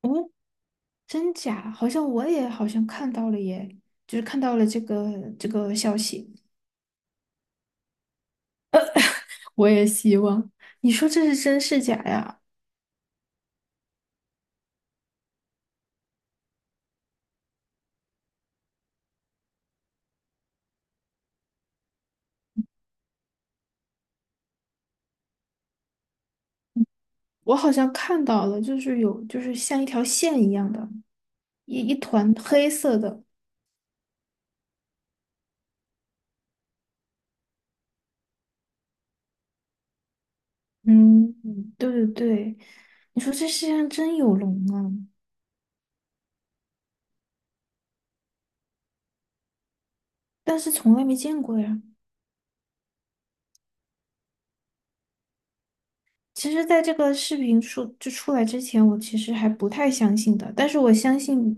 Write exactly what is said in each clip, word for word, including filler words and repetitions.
哦，真假？好像我也好像看到了耶，就是看到了这个这个消息。我也希望，你说这是真是假呀？我好像看到了，就是有就是像一条线一样的，一一团黑色的。嗯，嗯对对对，你说这世界上真有龙啊，但是从来没见过呀。其实，在这个视频出就出来之前，我其实还不太相信的。但是我相信，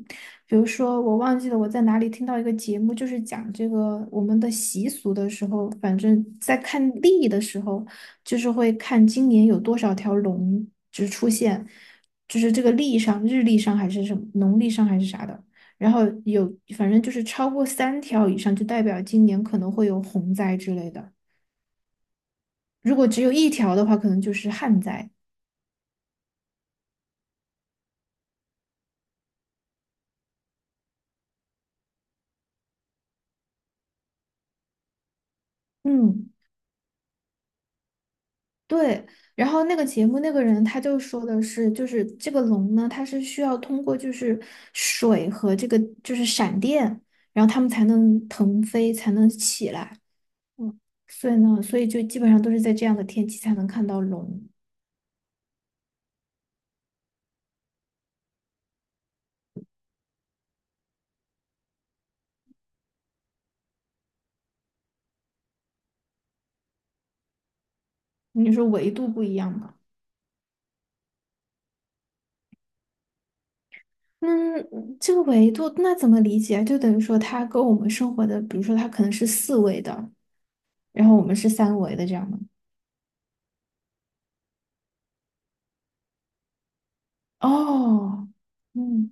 比如说我忘记了我在哪里听到一个节目，就是讲这个我们的习俗的时候，反正在看历的时候，就是会看今年有多少条龙就是出现，就是这个历上日历上还是什么农历上还是啥的，然后有反正就是超过三条以上，就代表今年可能会有洪灾之类的。如果只有一条的话，可能就是旱灾。嗯。对，然后那个节目那个人他就说的是，就是这个龙呢，它是需要通过就是水和这个就是闪电，然后它们才能腾飞，才能起来。嗯，所以呢，所以就基本上都是在这样的天气才能看到龙。你说维度不一样吗？嗯，这个维度那怎么理解啊？就等于说它跟我们生活的，比如说它可能是四维的，然后我们是三维的这样的。哦，嗯。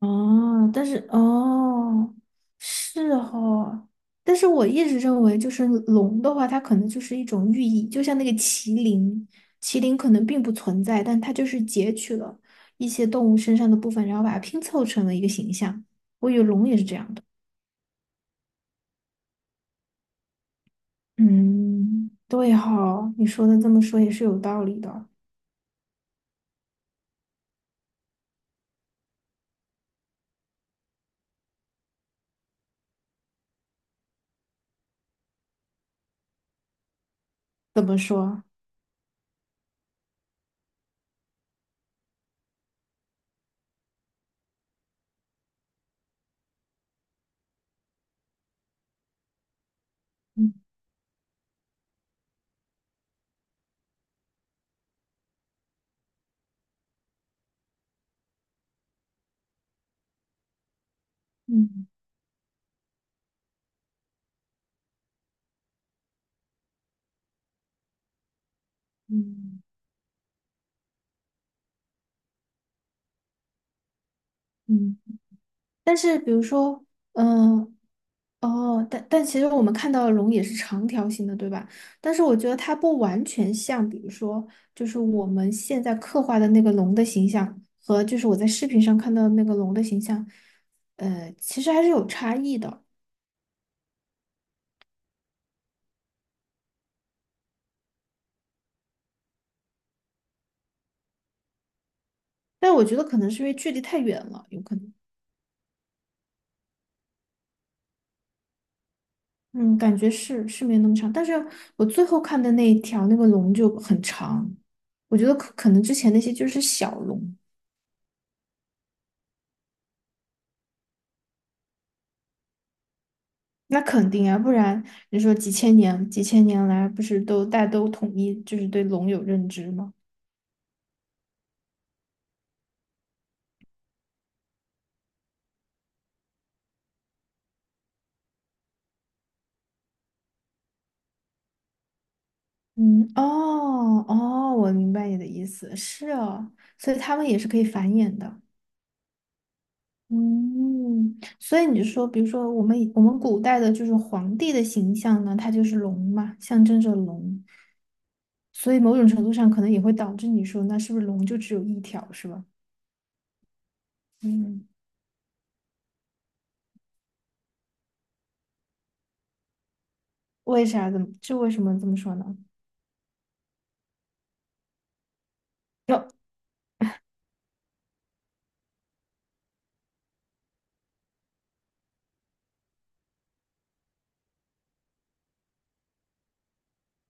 哦，但是哦，是哈，但是我一直认为，就是龙的话，它可能就是一种寓意，就像那个麒麟，麒麟可能并不存在，但它就是截取了一些动物身上的部分，然后把它拼凑成了一个形象。我以为龙也是这样的。嗯，对哈，你说的这么说也是有道理的。怎么说？嗯嗯嗯嗯。但是比如说，嗯。哦，但但其实我们看到的龙也是长条形的，对吧？但是我觉得它不完全像，比如说，就是我们现在刻画的那个龙的形象和就是我在视频上看到的那个龙的形象，呃，其实还是有差异的。但我觉得可能是因为距离太远了，有可能。嗯，感觉是是没那么长，但是我最后看的那一条那个龙就很长，我觉得可可能之前那些就是小龙。那肯定啊，不然你说几千年、几千年来，不是都大家都统一就是对龙有认知吗？嗯，哦哦，我明白你的意思，是哦，所以他们也是可以繁衍的。嗯，所以你说，比如说我们以我们古代的就是皇帝的形象呢，它就是龙嘛，象征着龙，所以某种程度上可能也会导致你说，那是不是龙就只有一条，是吧？嗯，为啥？怎么？这为什么这么说呢？哟，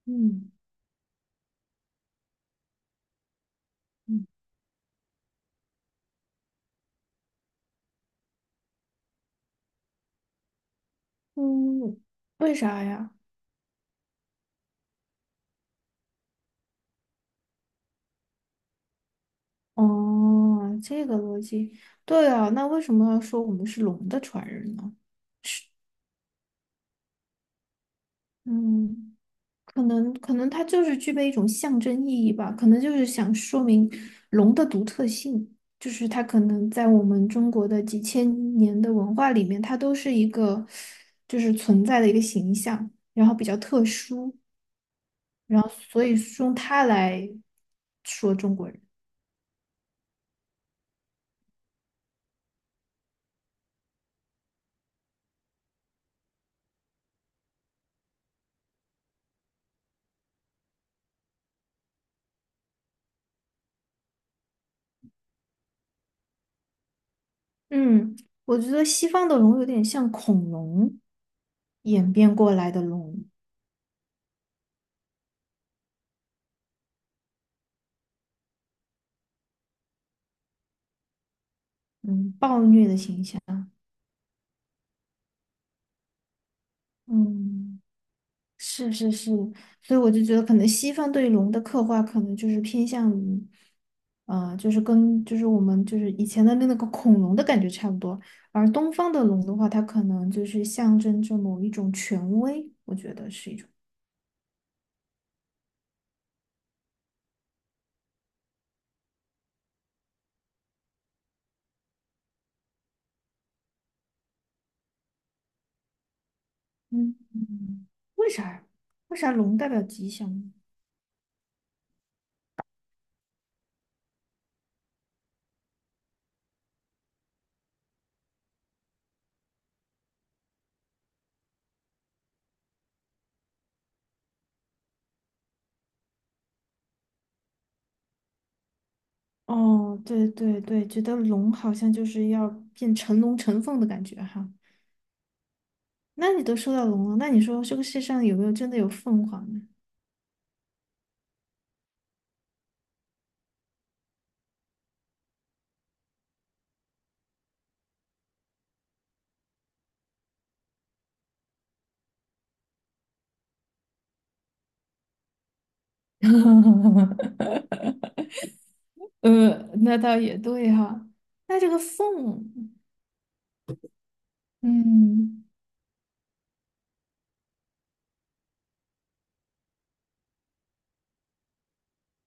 嗯。嗯嗯，为啥呀？哦，这个逻辑，对啊，那为什么要说我们是龙的传人呢？嗯，可能可能它就是具备一种象征意义吧，可能就是想说明龙的独特性，就是它可能在我们中国的几千年的文化里面，它都是一个就是存在的一个形象，然后比较特殊，然后所以是用它来说中国人。嗯，我觉得西方的龙有点像恐龙演变过来的龙，嗯，暴虐的形象，嗯，是是是，所以我就觉得可能西方对龙的刻画可能就是偏向于，呃，就是跟就是我们就是以前的那个恐龙的感觉差不多，而东方的龙的话，它可能就是象征着某一种权威，我觉得是一种，嗯，嗯嗯为啥呀？为啥龙代表吉祥呢？哦，对对对，觉得龙好像就是要变成龙成凤的感觉哈。那你都说到龙了，那你说这个世上有没有真的有凤凰呢？呃，那倒也对哈，那这个凤，嗯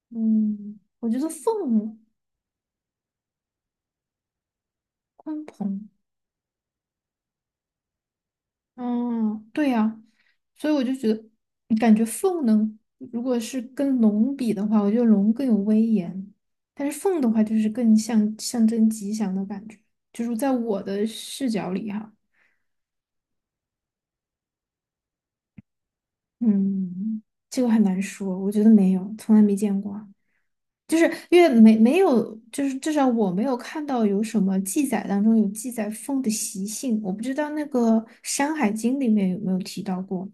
嗯，我觉得凤鲲鹏。嗯，对呀，所以我就觉得，感觉凤能，如果是跟龙比的话，我觉得龙更有威严，但是凤的话就是更像象征吉祥的感觉，就是在我的视角里哈，嗯，这个很难说，我觉得没有，从来没见过啊就是因为没没有，就是至少我没有看到有什么记载当中有记载凤的习性，我不知道那个《山海经》里面有没有提到过。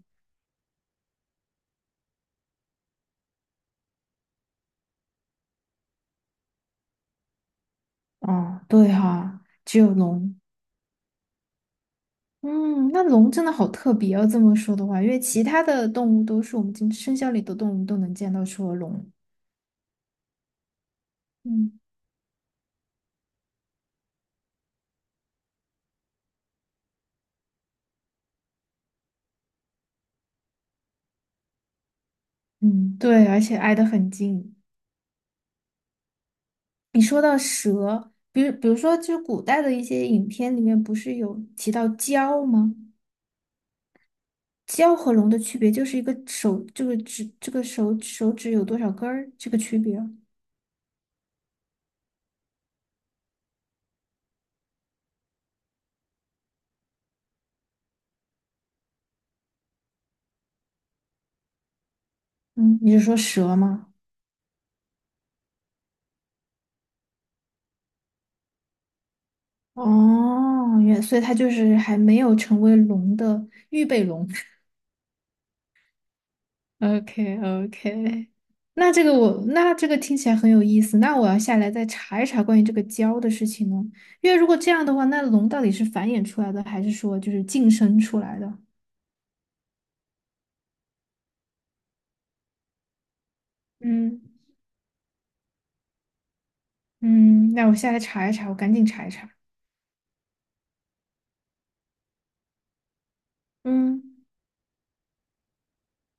哦，对哈，只有龙。嗯，那龙真的好特别哦，这么说的话，因为其他的动物都是我们今生肖里的动物都能见到，除了龙。嗯嗯，对，而且挨得很近。你说到蛇，比如比如说，就是古代的一些影片里面不是有提到蛟吗？蛟和龙的区别就是一个手，这个指，这个手手指有多少根儿，这个区别。嗯，你是说蛇吗？哦，原，所以它就是还没有成为龙的预备龙。OK OK,那这个我那这个听起来很有意思，那我要下来再查一查关于这个胶的事情呢。因为如果这样的话，那龙到底是繁衍出来的，还是说就是晋升出来的？嗯嗯，那我下来查一查，我赶紧查一查。嗯。